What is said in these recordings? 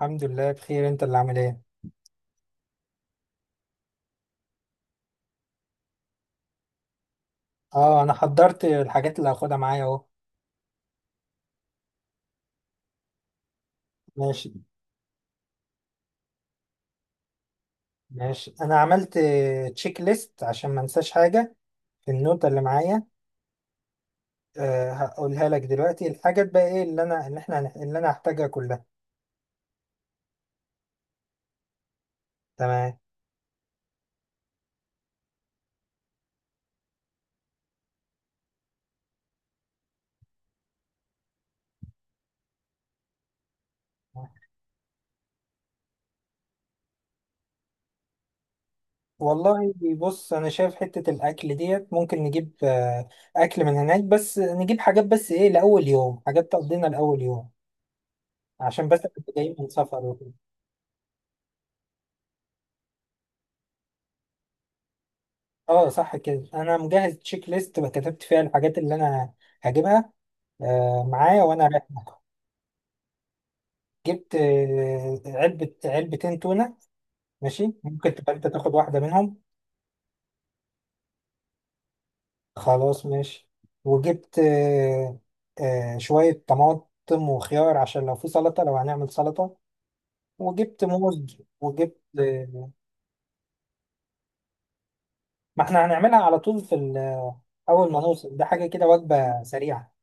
الحمد لله بخير. انت اللي عامل ايه؟ اه، انا حضرت الحاجات اللي هاخدها معايا اهو. ماشي. ماشي، انا عملت تشيك ليست عشان ما انساش حاجه في النوتة اللي معايا. هقولها لك دلوقتي. الحاجات بقى ايه اللي انا اللي احنا هن- اللي انا هحتاجها كلها؟ تمام. والله بص، انا شايف حته الاكل ديت ممكن نجيب اكل من هناك، بس نجيب حاجات، بس ايه لاول يوم، حاجات تقضينا لاول يوم، عشان بس إحنا جايين من سفر. اه، صح كده. انا مجهز تشيك ليست كتبت فيها الحاجات اللي انا هجيبها معايا وانا رايح مكة. جبت علبة علبتين تونة. ماشي، ممكن تبقى انت تاخد واحدة منهم. خلاص ماشي. وجبت شوية طماطم وخيار، عشان لو في سلطة، لو هنعمل سلطة. وجبت موز، وجبت ما احنا هنعملها على طول في اول ما نوصل. ده حاجة كده، وجبة سريعة.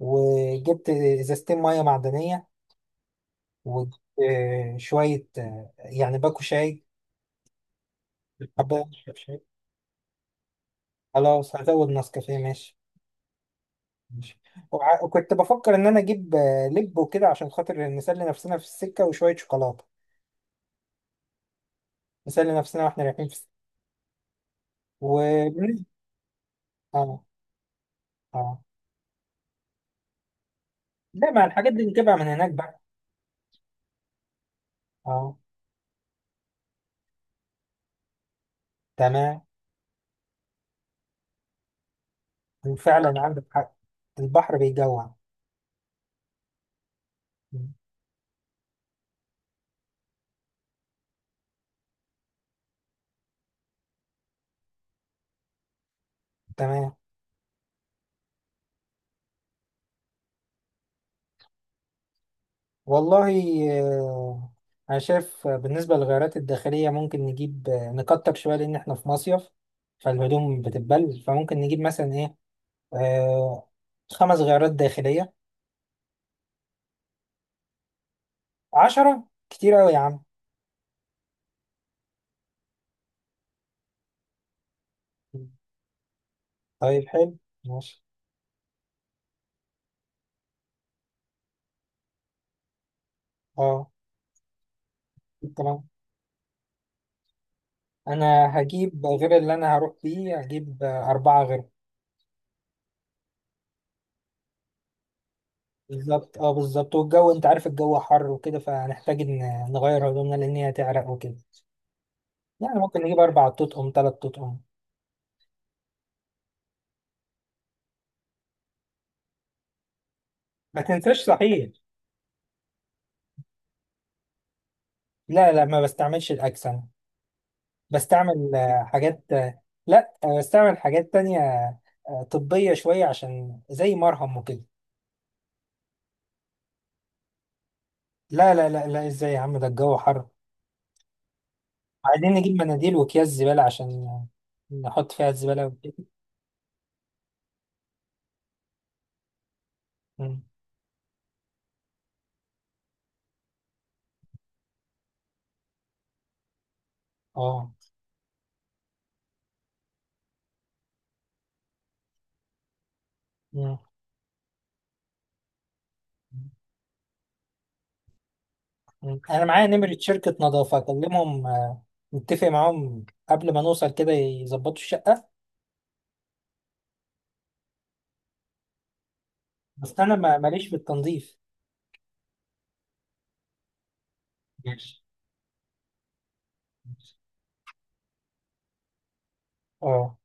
وجبت ازازتين مية معدنية، وشوية يعني باكو شاي حبة أشرب شاي. خلاص، هزود نسكافيه. ماشي. ماشي. وكنت بفكر إن أنا أجيب لب وكده عشان خاطر نسلي نفسنا في السكة، وشوية شوكولاتة نسلي نفسنا وإحنا رايحين في السكة. و آه آه لا، ما الحاجات دي نجيبها من هناك بقى. آه. تمام. وفعلا عندك حق. البحر بيجوع. م. تمام. والله آه، أنا شايف بالنسبة للغيارات الداخلية ممكن نجيب نكتر شوية لأن إحنا في مصيف، فالهدوم بتتبل، فممكن نجيب مثلا إيه آه خمس غيارات داخلية. عشرة كتير أوي يا عم. طيب حلو. ماشي. أه، تمام. أنا هجيب غير اللي أنا هروح بيه، هجيب أربعة غير. بالظبط. بالظبط. والجو أنت عارف، الجو حر وكده، فهنحتاج إن نغير هدومنا لأن هي هتعرق وكده. يعني ممكن نجيب أربع تطقم تلات تطقم. ما تنساش صحيح. لا، لا، ما بستعملش الأكسنة. بستعمل حاجات لا بستعمل حاجات تانية طبية شوية، عشان زي مرهم وكده. لا، لا، لا، لا، ازاي يا عم؟ ده الجو حر. عايزين نجيب مناديل وأكياس زبالة عشان نحط فيها الزبالة وكده. مم. اه. مم. مم. أنا معايا نمرة شركة نظافة، أكلمهم نتفق معاهم قبل ما نوصل كده يظبطوا الشقة. بس أنا ماليش في التنظيف. ماشي. ماشي. اه.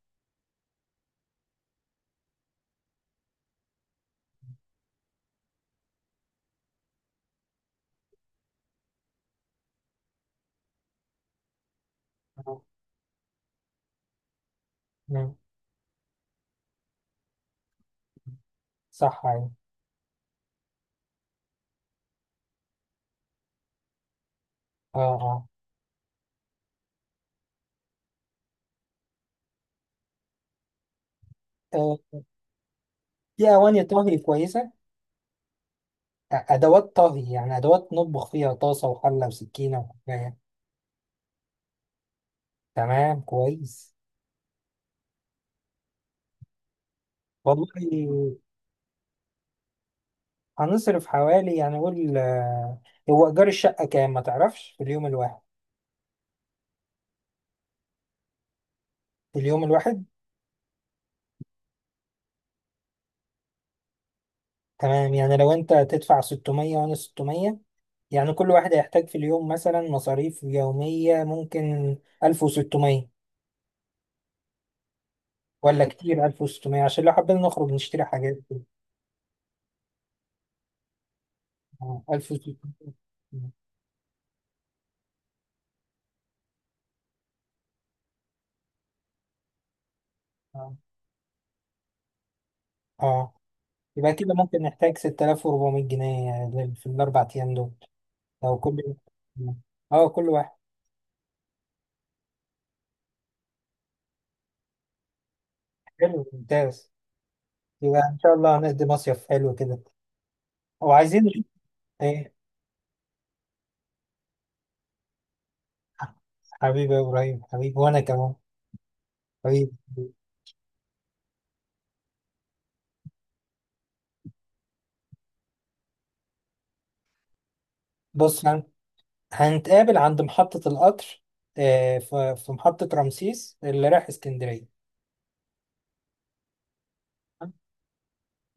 آه. مم. صح أيوة. اه. اه. آه، في أواني طهي كويسة؟ أدوات طهي، يعني أدوات نطبخ فيها، طاسة وحلة وسكينة وحكاية. تمام كويس. والله، هنصرف حوالي، يعني قول هو إيجار الشقة كام ما تعرفش في اليوم الواحد؟ في اليوم الواحد. تمام، يعني لو أنت تدفع 600 وأنا 600. يعني كل واحد هيحتاج في اليوم مثلا مصاريف يومية، ممكن 1600، ولا كتير؟ 1600 عشان لو حبينا نخرج نشتري حاجات. 1600. اه. آه. يبقى كده ممكن نحتاج 6400 جنيه يعني في الاربع ايام دول. لو كل واحد. حلو ممتاز. يبقى ان شاء الله هنقضي مصيف حلو كده. وعايزين نشوف ايه؟ حبيبي يا ابراهيم، حبيبي وانا كمان. حبيبي. بص، هنتقابل عند محطة القطر في محطة رمسيس اللي رايح اسكندرية.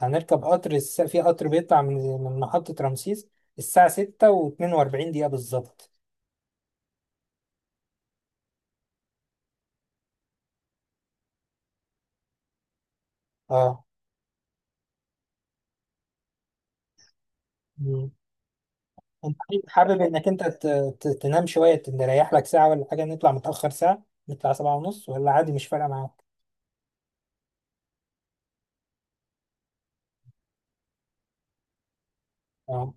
هنركب قطر في قطر بيطلع من محطة رمسيس الساعة ستة واتنين وأربعين دقيقة بالظبط. اه. انت حابب حابب انك انت تنام شويه، تريح لك ساعه ولا حاجه؟ نطلع متاخر ساعه، نطلع سبعة ونص، ولا عادي مش فارقه معاك؟ اه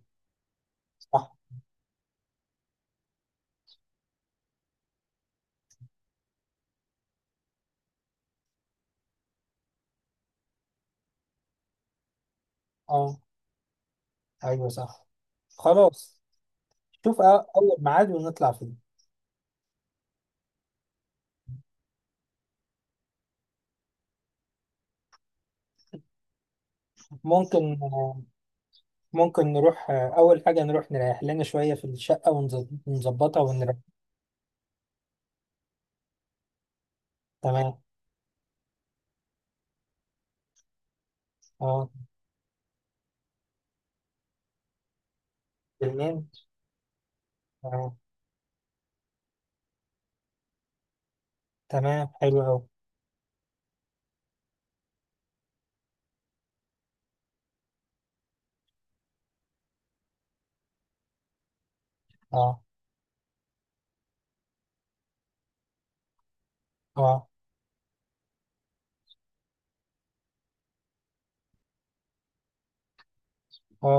صح. اه ايوه صح. خلاص. شوف اول ميعاد ونطلع فيه. ممكن آه، ممكن نروح اول حاجه، نروح نريح لنا شويه في الشقه ونظبطها ونريح. تمام. اه. بالليل. اه. تمام حلو قوي. اه اه اه،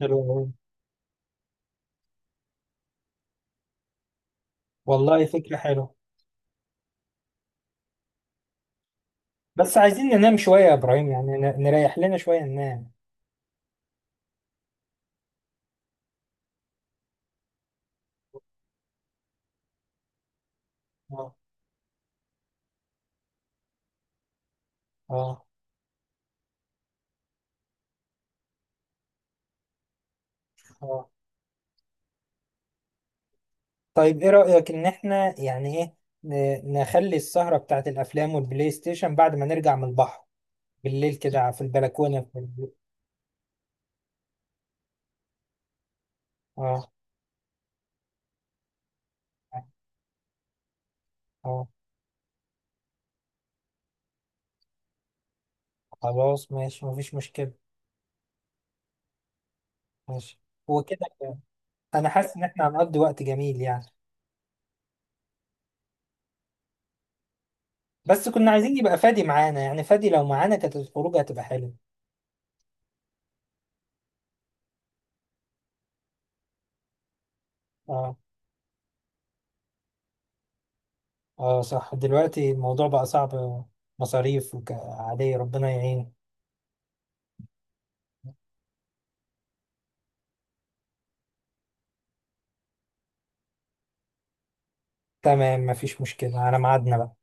حلو قوي. والله، فكره حلوه. بس عايزين ننام شويه يا ابراهيم، يعني نريح لنا شويه ننام. اه. اه اه. طيب ايه رأيك ان احنا يعني ايه نخلي السهرة بتاعت الافلام والبلاي ستيشن بعد ما نرجع من البحر بالليل كده في البلكونة اه اه. خلاص ماشي. مفيش مشكلة. ماشي. هو كده، انا حاسس ان احنا هنقضي وقت جميل يعني. بس كنا عايزين يبقى فادي معانا. يعني فادي لو معانا كانت الخروج هتبقى حلوة. اه. اه صح، دلوقتي الموضوع بقى صعب، مصاريف عادية. ربنا يعين. تمام، مفيش مشكلة على ميعادنا بقى.